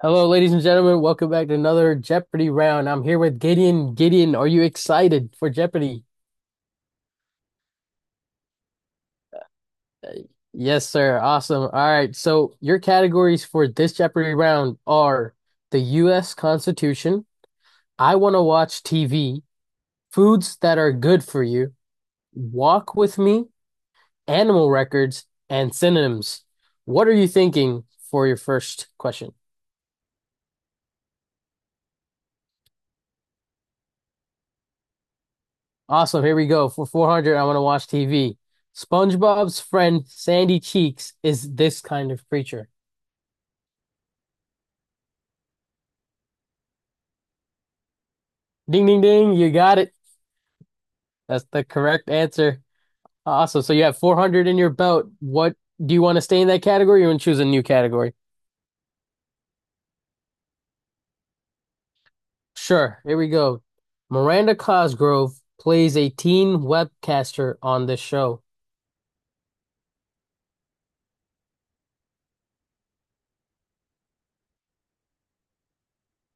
Hello, ladies and gentlemen. Welcome back to another Jeopardy round. I'm here with Gideon. Gideon, are you excited for Jeopardy? Yes, sir. Awesome. All right. So, your categories for this Jeopardy round are the U.S. Constitution, I Want to Watch TV, Foods That Are Good for You, Walk with Me, Animal Records, and Synonyms. What are you thinking for your first question? Awesome. Here we go. For 400, I want to watch TV. SpongeBob's friend Sandy Cheeks is this kind of creature. Ding, ding, ding. You got it. That's the correct answer. Awesome. So you have 400 in your belt. What Do you want to stay in that category or you want to choose a new category? Sure. Here we go. Miranda Cosgrove plays a teen webcaster on the show.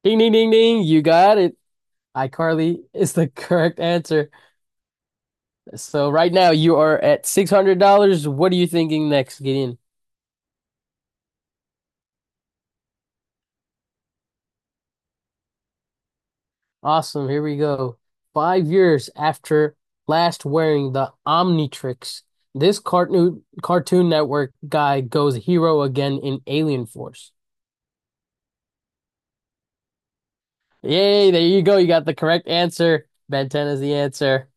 Ding, ding, ding, ding. You got it. iCarly is the correct answer. So right now you are at $600. What are you thinking next, Gideon? Awesome. Here we go. 5 years after last wearing the Omnitrix, this Cartoon Network guy goes hero again in Alien Force. Yay, there you go. You got the correct answer. Ben 10 is the answer.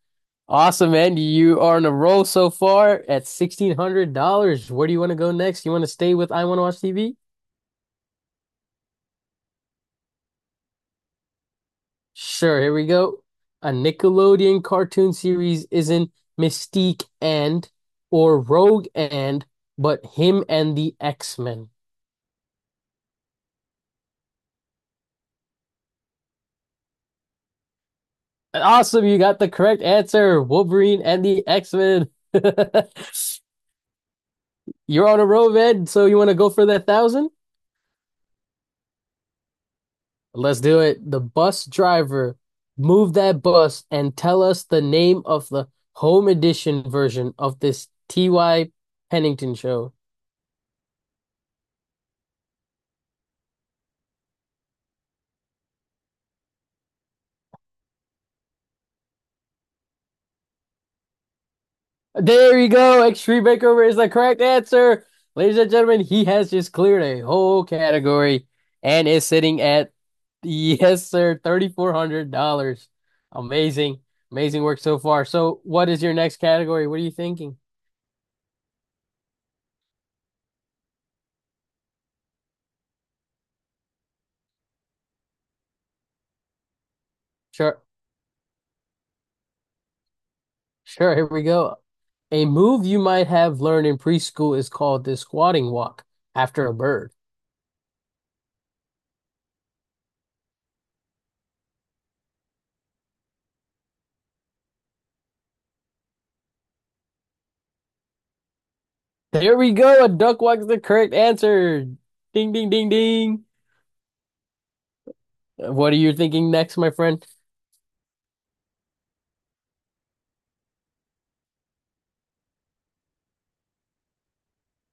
Awesome, man. You are on a roll so far at $1,600. Where do you want to go next? You want to stay with I Want to Watch TV? Sure, here we go. A Nickelodeon cartoon series isn't Mystique and or Rogue and, but him and the X-Men. And Awesome, you got the correct answer. Wolverine and the X-Men. You're on a roll, Ed, so you want to go for that thousand? Let's do it. The bus driver, move that bus and tell us the name of the home edition version of this T.Y. Pennington show. There you go. Extreme Makeover is the correct answer. Ladies and gentlemen, he has just cleared a whole category and is sitting at, yes, sir, $3,400. Amazing. Amazing work so far. So, what is your next category? What are you thinking? Sure. Sure. Here we go. A move you might have learned in preschool is called the squatting walk after a bird. There we go. A duck walk is the correct answer. Ding, ding, ding, ding. What are you thinking next, my friend?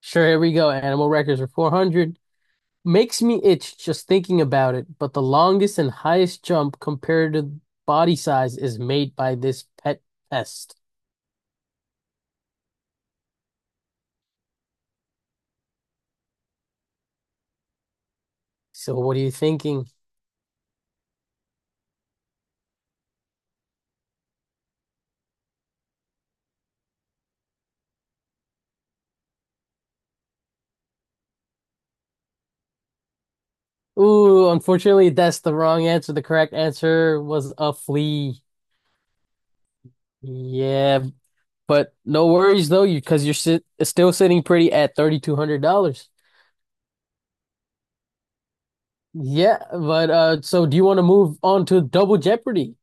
Sure, here we go. Animal records are 400. Makes me itch just thinking about it, but the longest and highest jump compared to body size is made by this pet pest. So what are you thinking? Ooh, unfortunately, that's the wrong answer. The correct answer was a flea. Yeah, but no worries though, you because you're sit still sitting pretty at $3,200. Yeah, but so do you want to move on to Double Jeopardy?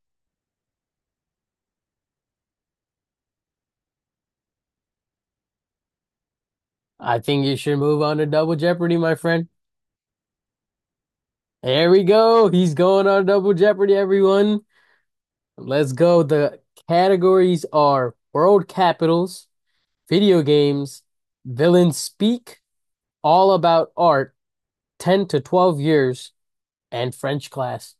I think you should move on to Double Jeopardy, my friend. There we go. He's going on Double Jeopardy, everyone. Let's go. The categories are world capitals, video games, villains speak, all about art, 10 to 12 years, and French class.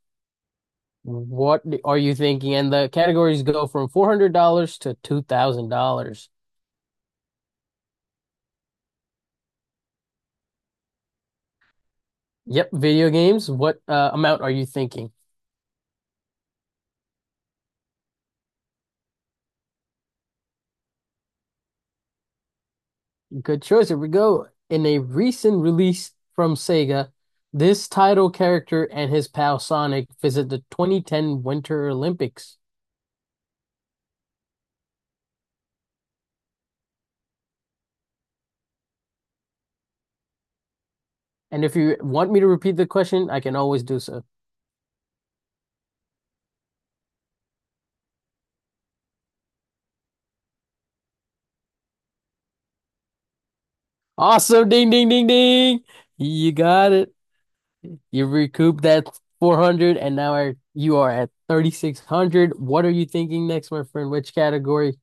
What are you thinking? And the categories go from $400 to $2,000. Yep, video games. What amount are you thinking? Good choice. Here we go. In a recent release from Sega, this title character and his pal Sonic visit the 2010 Winter Olympics. And if you want me to repeat the question, I can always do so. Awesome. Ding, ding, ding, ding. You got it. You recouped that 400 and now you are at 3,600. What are you thinking next, my friend? Which category?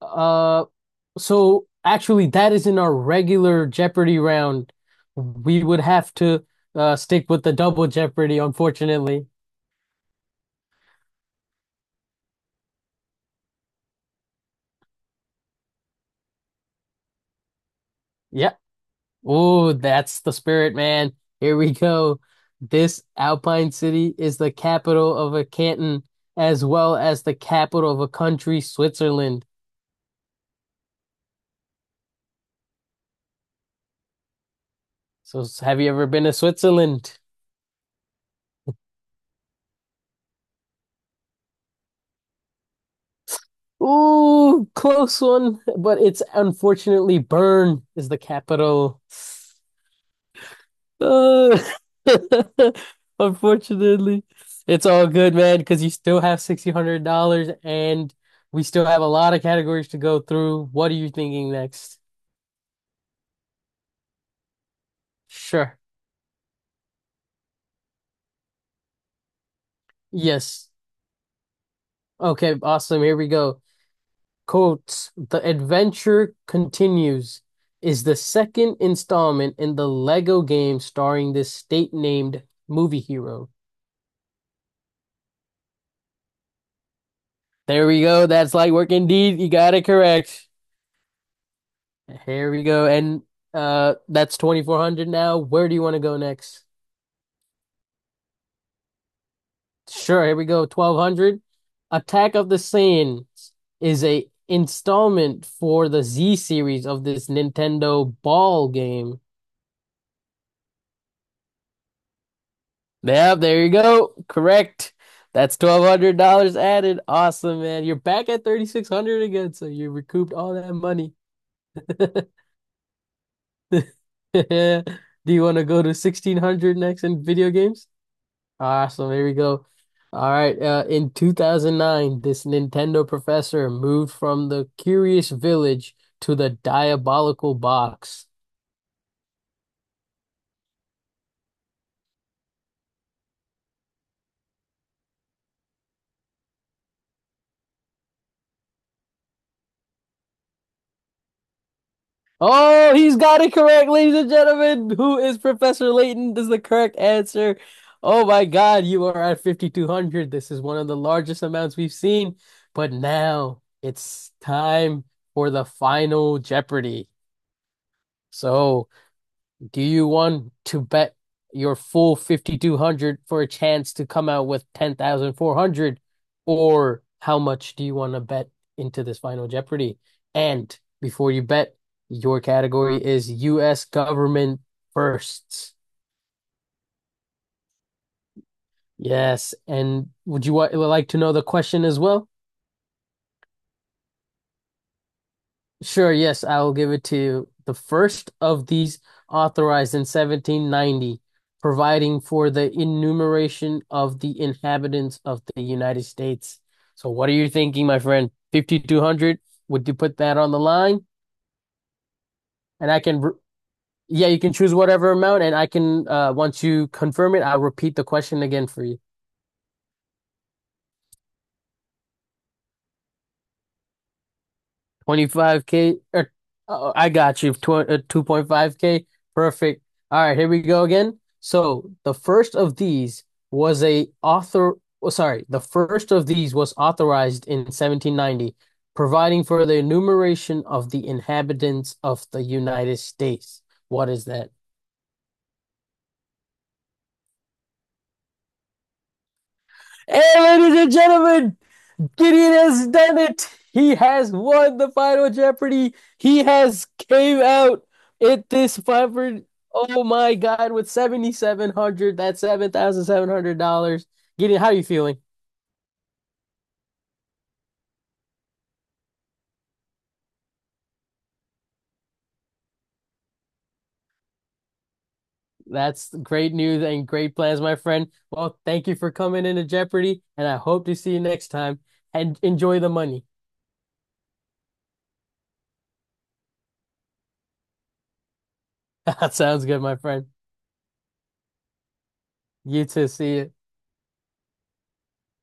Uh, So actually, that is in our regular Jeopardy round. We would have to stick with the double Jeopardy, unfortunately. Yep. Oh, that's the spirit, man. Here we go. This Alpine city is the capital of a canton as well as the capital of a country, Switzerland. So, have you ever been to Switzerland? Ooh, close one, but it's unfortunately Bern is the capital. Uh, Unfortunately, it's all good, man, because you still have $1,600 and we still have a lot of categories to go through. What are you thinking next? Sure. Yes. Okay, awesome. Here we go. Quotes, The Adventure Continues is the second installment in the Lego game starring this state-named movie hero. There we go. That's light work indeed. You got it correct. Here we go. And that's 2,400 now. Where do you want to go next? Sure, here we go. 1,200. Attack of the Saiyans is a installment for the Z series of this Nintendo ball game. Yeah, there you go. Correct. That's $1,200 added. Awesome, man. You're back at 3,600 again, so you recouped all that money. Do you want to go to 1,600 next in video games? Awesome. Here we go. All right. In 2009, this Nintendo professor moved from the Curious Village to the Diabolical Box. Oh, he's got it correct, ladies and gentlemen. Who is Professor Layton? This is the correct answer. Oh my God, you are at 5,200. This is one of the largest amounts we've seen. But now it's time for the final Jeopardy. So. Do you want to bet your full 5,200 for a chance to come out with 10,400? Or how much do you want to bet into this final Jeopardy? And before you bet, your category is US government firsts. Yes. And would you like to know the question as well? Sure, yes, I will give it to you. The first of these authorized in 1790, providing for the enumeration of the inhabitants of the United States. So, what are you thinking, my friend? 5,200? Would you put that on the line? And I can, re- Yeah, you can choose whatever amount, and I can, once you confirm it, I'll repeat the question again for you. 25K. Oh, I got you. Tw 2.5K. Perfect. All right, here we go again. So the first of these was a author. Oh, sorry, the first of these was authorized in 1790, providing for the enumeration of the inhabitants of the United States. What is that? Hey, ladies and gentlemen, Gideon has done it. He has won the final Jeopardy. He has came out at this fiver. Oh my God, with 7,700, dollars, that's $7,700. Gideon, how are you feeling? That's great news and great plans, my friend. Well, thank you for coming into Jeopardy, and I hope to see you next time. And enjoy the money. That sounds good, my friend. You too. See you.